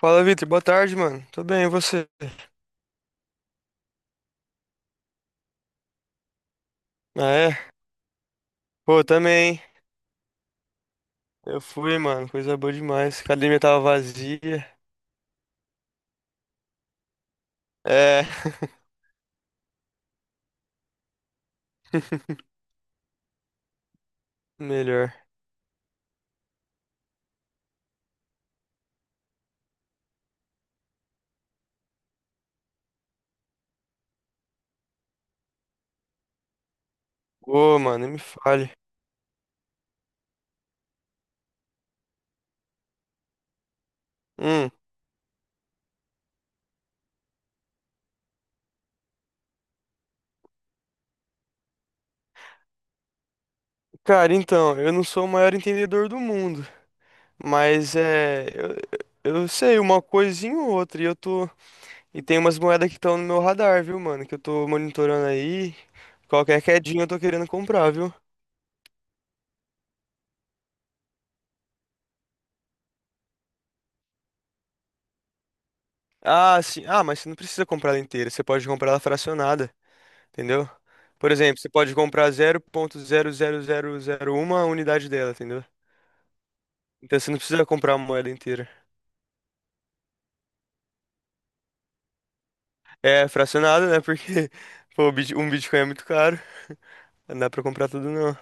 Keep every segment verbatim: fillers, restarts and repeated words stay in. Fala, Vitor. Boa tarde, mano. Tô bem, e você? Ah, é? Pô, também, hein? Eu fui, mano. Coisa boa demais. A academia tava vazia. É. Melhor. Ô, mano, nem me fale. Hum. Cara, então, eu não sou o maior entendedor do mundo, mas é. Eu, eu sei uma coisinha ou outra. E eu tô. E tem umas moedas que estão no meu radar, viu, mano? Que eu tô monitorando aí. Qualquer quedinha eu tô querendo comprar, viu? Ah, sim. Ah, mas você não precisa comprar ela inteira. Você pode comprar ela fracionada, entendeu? Por exemplo, você pode comprar zero ponto zero zero zero zero um a unidade dela, entendeu? Então você não precisa comprar uma moeda inteira. É fracionado, né? Porque pô, o bit- um Bitcoin é muito caro. Não dá pra comprar tudo, não.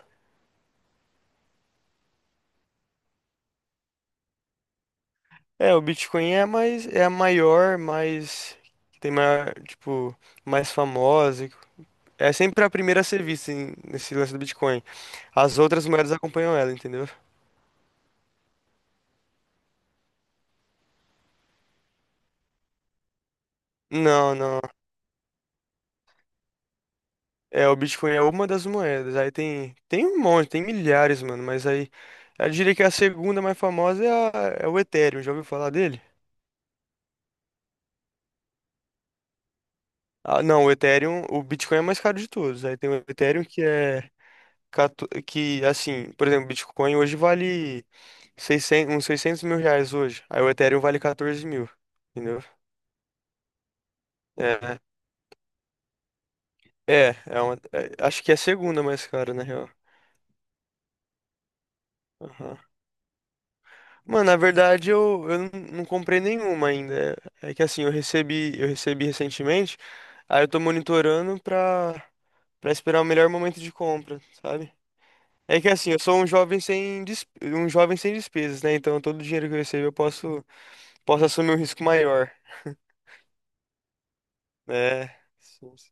É, o Bitcoin é a mais, é a maior, mais que tem maior, tipo, mais famosa. É sempre a primeira a ser vista em- nesse lance do Bitcoin. As outras moedas acompanham ela, entendeu? Não, não. É, o Bitcoin é uma das moedas. Aí tem, tem um monte, tem milhares, mano. Mas aí, eu diria que é a segunda mais famosa é, a- é o Ethereum. Já ouviu falar dele? Ah, não, o Ethereum, o Bitcoin é mais caro de todos. Aí tem o Ethereum que é quatorze que assim, por exemplo, o Bitcoin hoje vale seiscentos, uns seiscentos mil reais hoje. Aí o Ethereum vale quatorze mil, entendeu? É, é, é uma- é, acho que é a segunda mais cara, na real. Aham. Mano, na verdade eu, eu não não comprei nenhuma ainda. É é que assim, eu recebi, eu recebi recentemente, aí eu tô monitorando pra, pra esperar o melhor momento de compra, sabe? É que assim, eu sou um jovem sem, des- um jovem sem despesas, né? Então todo o dinheiro que eu recebo eu posso, posso assumir um risco maior, né? Sim, sim.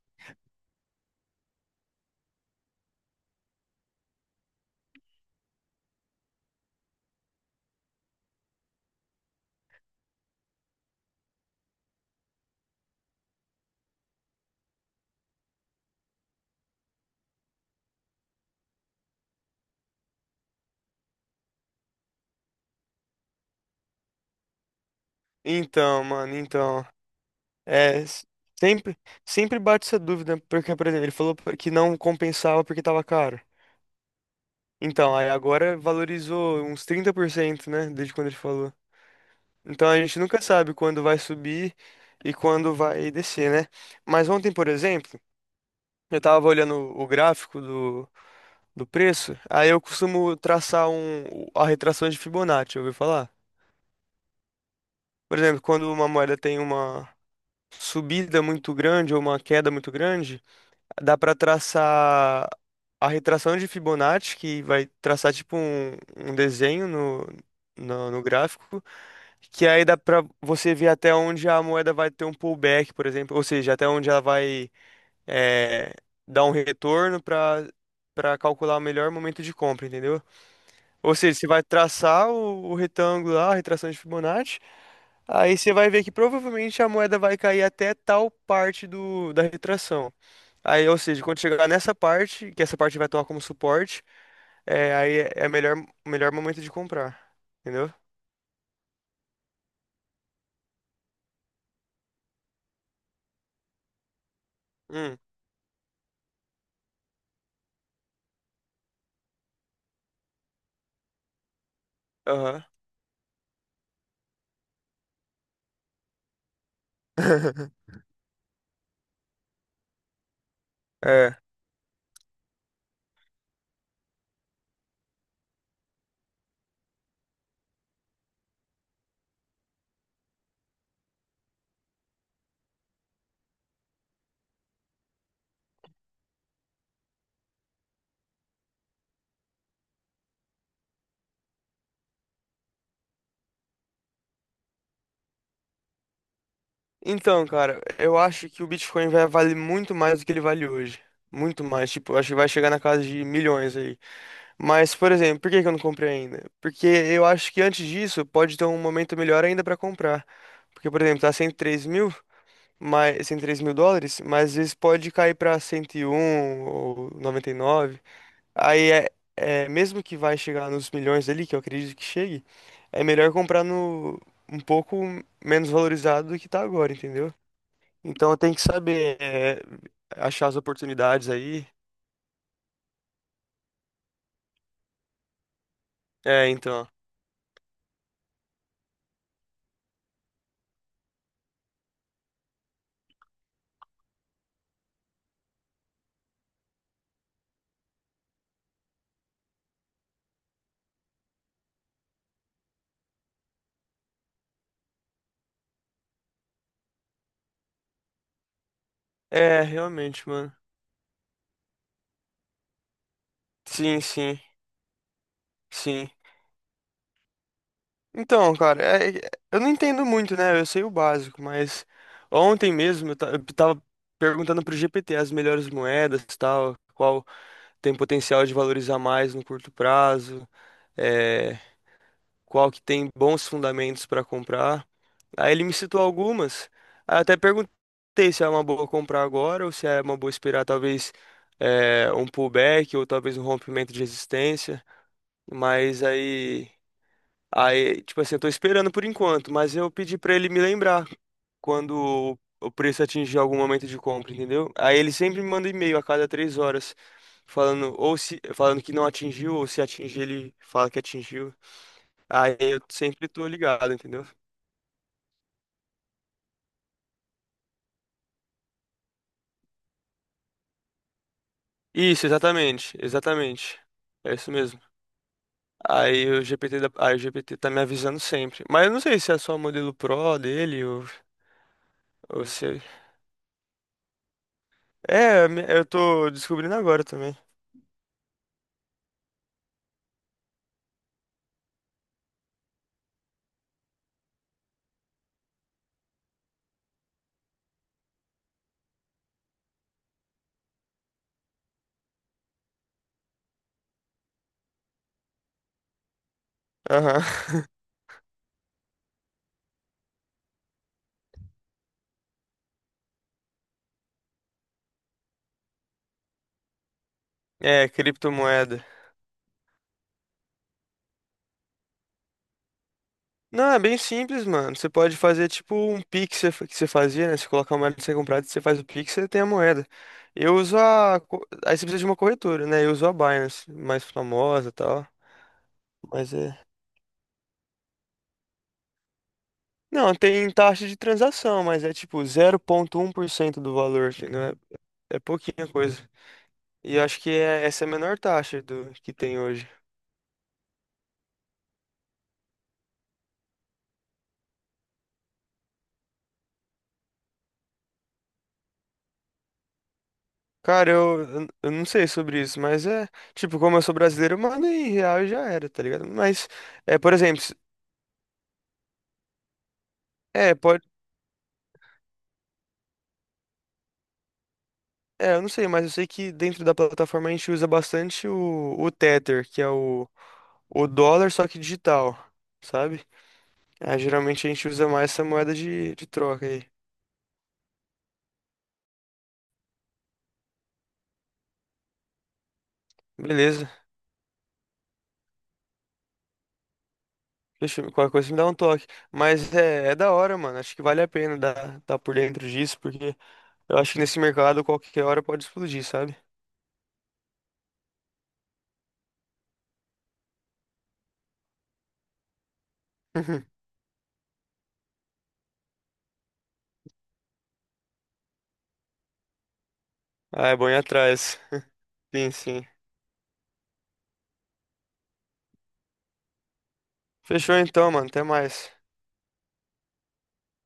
Então, mano, então. É, s- sempre, sempre bate essa dúvida, porque, por exemplo, ele falou pra- que não compensava porque tava caro. Então, aí agora valorizou uns trinta por cento, né? Desde quando ele falou. Então a gente nunca sabe quando vai subir e quando vai descer, né? Mas ontem, por exemplo, eu tava olhando o gráfico do, do preço, aí eu costumo traçar um, a retração de Fibonacci, ouviu falar? Por exemplo, quando uma moeda tem uma subida muito grande ou uma queda muito grande, dá para traçar a retração de Fibonacci, que vai traçar tipo um, um desenho no, no no gráfico. Que aí dá pra você ver até onde a moeda vai ter um pullback, por exemplo, ou seja, até onde ela vai eh, dar um retorno para para calcular o melhor momento de compra, entendeu? Ou seja, você vai traçar o, o retângulo lá, a retração de Fibonacci, aí você vai ver que provavelmente a moeda vai cair até tal parte do, da retração. Aí, ou seja, quando chegar nessa parte, que essa parte vai tomar como suporte, eh, aí é o melhor, melhor momento de comprar, entendeu? Hum, aham. É. Então, cara, eu acho que o Bitcoin vai valer muito mais do que ele vale hoje. Muito mais, tipo, eu acho que vai chegar na casa de milhões aí. Mas, por exemplo, por que que eu não comprei ainda? Porque eu acho que antes disso pode ter um momento melhor ainda pra comprar. Porque, por exemplo, tá cento e três mil, mas cento e três mil dólares, mas às vezes pode cair pra cento e um ou noventa e nove. Aí é, é, mesmo que vai chegar nos milhões ali, que eu acredito que chegue, é melhor comprar no um pouco menos valorizado do que tá agora, entendeu? Então tem que saber, é, achar as oportunidades aí. É, então. É, realmente, mano. Sim, sim, sim. Então, cara, é- é- eu não entendo muito, né? Eu sei o básico, mas ontem mesmo eu, ta- eu tava perguntando pro G P T as melhores moedas e tal, qual tem potencial de valorizar mais no curto prazo, é, qual que tem bons fundamentos pra comprar. Aí ele me citou algumas. Aí eu até perguntei se é uma boa comprar agora ou se é uma boa esperar talvez é, um pullback ou talvez um rompimento de resistência. Mas aí, aí, tipo assim, eu tô esperando por enquanto, mas eu pedi pra ele me lembrar quando o o preço atingir algum momento de compra, entendeu? Aí ele sempre me manda e-mail a cada três horas falando ou se falando que não atingiu ou se atingir ele fala que atingiu. Aí eu sempre tô ligado, entendeu? Isso, exatamente, exatamente. É isso mesmo. Aí o G P T, da- aí o G P T tá me avisando sempre. Mas eu não sei se é só o modelo Pro dele ou, ou se. É, é, me- eu tô descobrindo agora também. Aham. É, criptomoeda. Não, é bem simples, mano. Você pode fazer tipo um Pix que você que você fazia, né? Você coloca a moeda que você comprar, você faz o Pix, você tem a moeda. Eu uso a. co- Aí você precisa de uma corretora, né? Eu uso a Binance, mais famosa e tal. Mas é. Não, tem taxa de transação, mas é tipo zero vírgula um por cento do valor, entendeu? É, é pouquinha coisa. E eu acho que é, essa é a menor taxa do que tem hoje. Cara, eu, eu eu não sei sobre isso, mas é. Tipo, como eu sou brasileiro, manda em real e já era, tá ligado? Mas, é, por exemplo, se- é, pode. É, eu não sei, mas eu sei que dentro da plataforma a gente usa bastante o, o Tether, que é o, o dólar, só que digital, sabe? Ah, geralmente a gente usa mais essa moeda de, de troca aí. Beleza. Deixa, eu- qualquer coisa me dá um toque. Mas é, é da hora, mano. Acho que vale a pena dar, dar por dentro disso, porque eu acho que nesse mercado qualquer hora pode explodir, sabe? Ah, é bom ir atrás. Sim, sim. Fechou então, mano. Até mais.